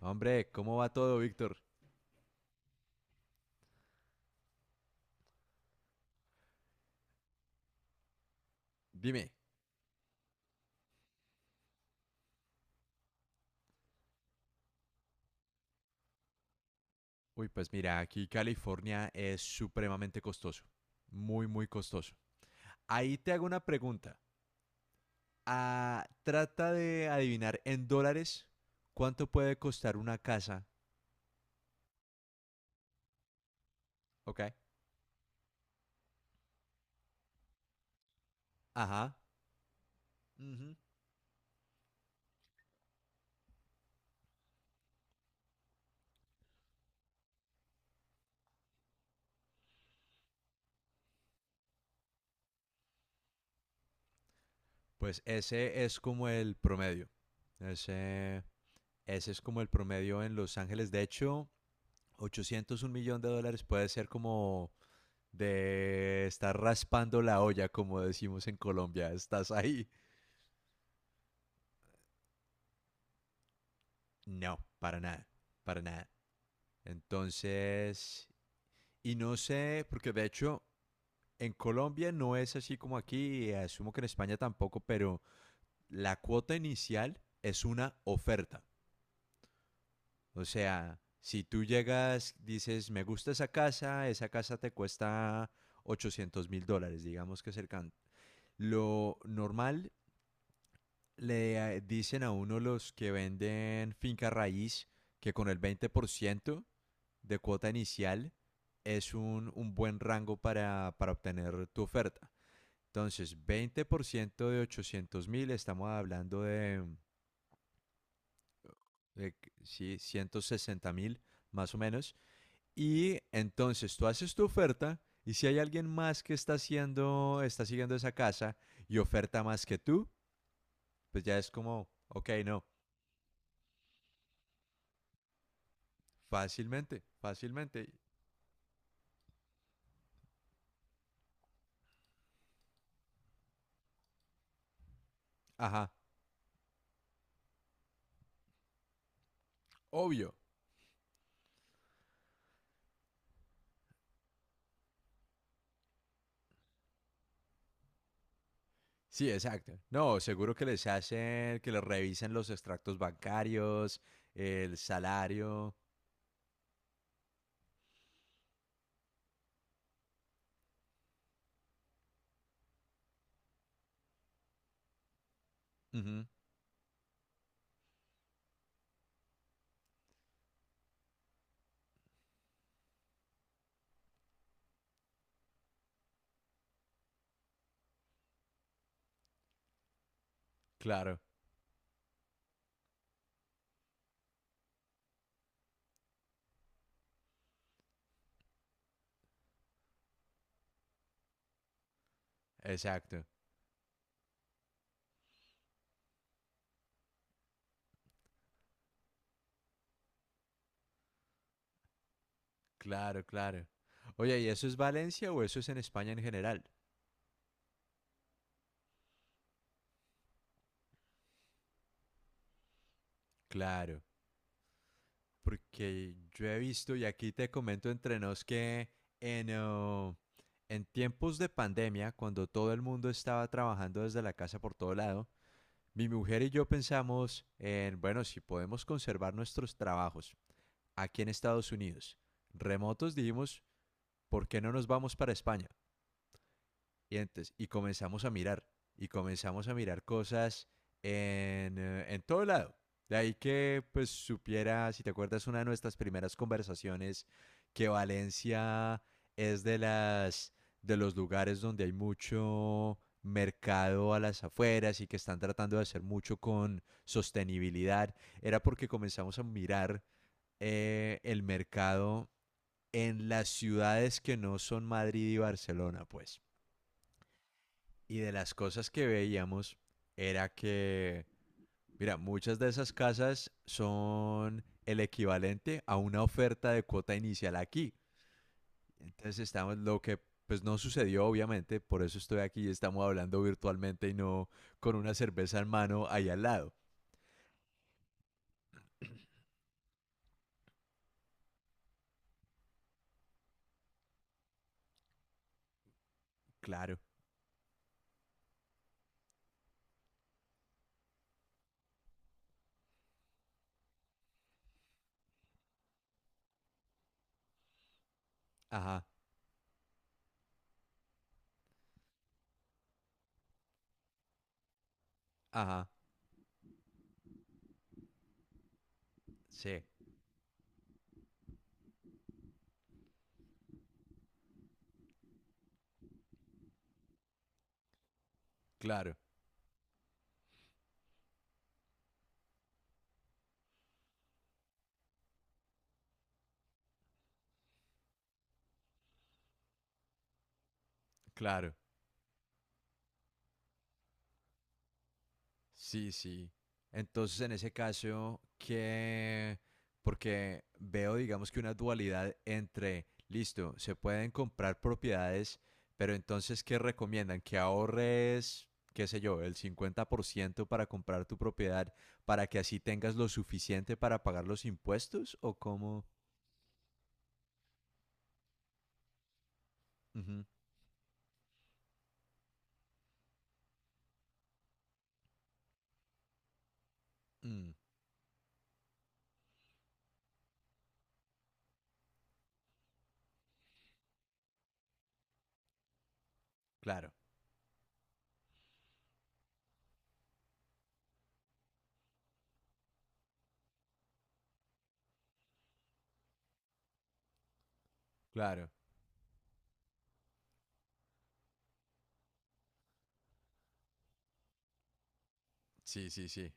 Hombre, ¿cómo va todo, Víctor? Dime. Uy, pues mira, aquí California es supremamente costoso. Muy, muy costoso. Ahí te hago una pregunta. Ah, trata de adivinar en dólares cuánto puede costar una casa. ¿Ok? Ajá. Ujú. Pues ese es como el promedio. Ese, ese es como el promedio en Los Ángeles. De hecho, 800, un millón de dólares puede ser como de estar raspando la olla, como decimos en Colombia, estás ahí. No, para nada, para nada. Entonces, y no sé, porque de hecho en Colombia no es así como aquí, y asumo que en España tampoco, pero la cuota inicial es una oferta. O sea, si tú llegas, dices, me gusta esa casa te cuesta 800.000 dólares, digamos que cercano. Lo normal le dicen a uno los que venden finca raíz que con el 20% de cuota inicial es un buen rango para obtener tu oferta. Entonces, 20% de 800 mil, estamos hablando de, de sí, 160 mil más o menos. Y entonces tú haces tu oferta y si hay alguien más que está haciendo, está siguiendo esa casa y oferta más que tú, pues ya es como, ok, no. Fácilmente, fácilmente. Ajá, obvio. Sí, exacto. No, seguro que les hacen, que les revisen los extractos bancarios, el salario. Ujú, claro, exacto. Claro, claro. Oye, ¿y eso es Valencia o eso es en España en general? Claro, porque yo he visto, y aquí te comento entre nos, que en, oh, en tiempos de pandemia, cuando todo el mundo estaba trabajando desde la casa por todo lado, mi mujer y yo pensamos en, bueno, si podemos conservar nuestros trabajos aquí en Estados Unidos, remotos, dijimos, ¿por qué no nos vamos para España? Y entonces, y comenzamos a mirar, y comenzamos a mirar cosas en todo lado. De ahí que pues supiera, si te acuerdas, una de nuestras primeras conversaciones, que Valencia es de los lugares donde hay mucho mercado a las afueras y que están tratando de hacer mucho con sostenibilidad, era porque comenzamos a mirar el mercado en las ciudades que no son Madrid y Barcelona, pues. Y de las cosas que veíamos era que, mira, muchas de esas casas son el equivalente a una oferta de cuota inicial aquí. Entonces estamos, lo que pues no sucedió obviamente, por eso estoy aquí y estamos hablando virtualmente y no con una cerveza en mano ahí al lado. Claro, ajá, ajá, sí, claro, claro. Sí, sí. Entonces, en ese caso, que porque veo, digamos que una dualidad entre, listo, se pueden comprar propiedades, pero entonces, ¿qué recomiendan? Que ahorres, qué sé yo, el 50% para comprar tu propiedad, para que así tengas lo suficiente para pagar los impuestos, o cómo... Ujú, mm, claro, claro. Sí, sí, sí.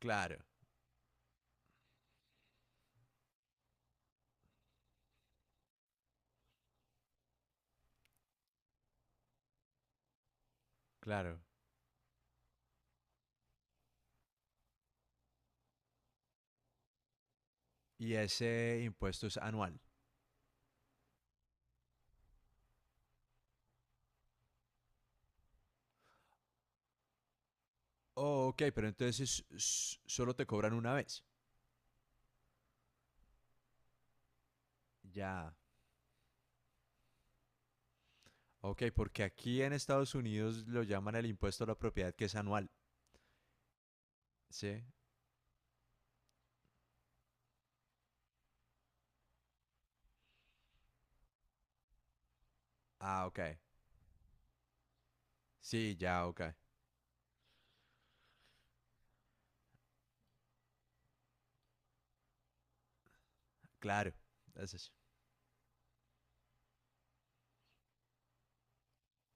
Claro, claro. Y ese impuesto es anual. Oh, ok, pero entonces solo te cobran una vez. Ya. Ok, porque aquí en Estados Unidos lo llaman el impuesto a la propiedad que es anual. ¿Sí? Ah, ok. Sí, ya, ok. Claro. Es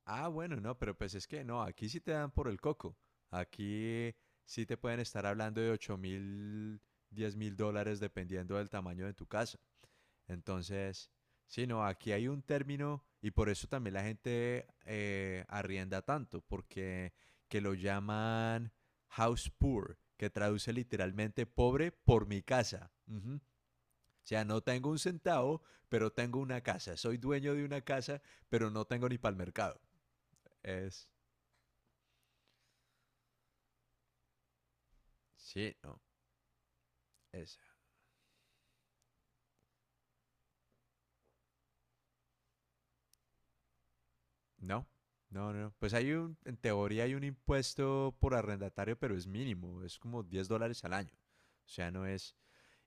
Ah, bueno, no, pero pues es que no, aquí sí te dan por el coco. Aquí sí te pueden estar hablando de 8.000, 10.000 dólares dependiendo del tamaño de tu casa. Entonces, sí, no, aquí hay un término y por eso también la gente arrienda tanto, porque que lo llaman house poor, que traduce literalmente pobre por mi casa. Ujú. O sea, no tengo un centavo, pero tengo una casa. Soy dueño de una casa, pero no tengo ni para el mercado. Es, sí, no, es, no. No, no, no. Pues hay en teoría hay un impuesto por arrendatario, pero es mínimo, es como 10 dólares al año. O sea, no es...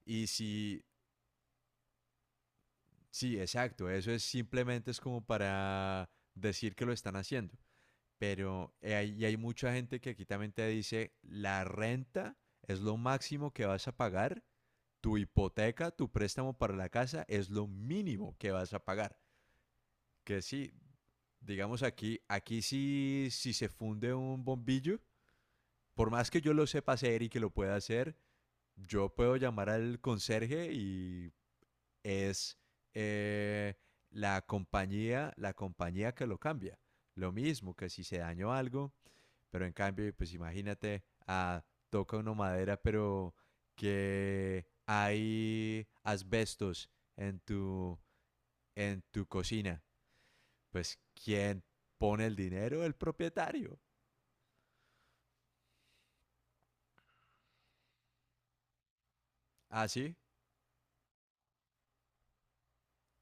Y si, sí, exacto, eso es simplemente es como para decir que lo están haciendo. Pero hay, y hay mucha gente que aquí también te dice, la renta es lo máximo que vas a pagar, tu hipoteca, tu préstamo para la casa es lo mínimo que vas a pagar. Que sí, digamos aquí, aquí sí, si se funde un bombillo, por más que yo lo sepa hacer y que lo pueda hacer, yo puedo llamar al conserje y es eh, la compañía, que lo cambia. Lo mismo que si se dañó algo, pero en cambio, pues imagínate, ah, toca una madera, pero que hay asbestos en tu, en tu cocina. Pues, ¿quién pone el dinero? El propietario. ¿Ah, sí?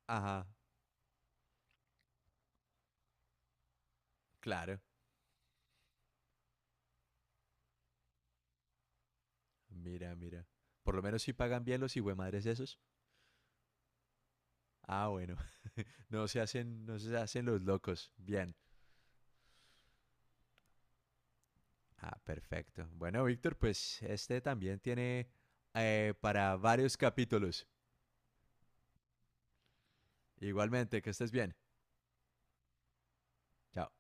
Ajá, claro. Mira, mira. Por lo menos si pagan bien los madres esos. Ah, bueno. No se hacen, no se hacen los locos. Bien. Ah, perfecto. Bueno, Víctor, pues este también tiene para varios capítulos. Igualmente, que estés bien. Chao.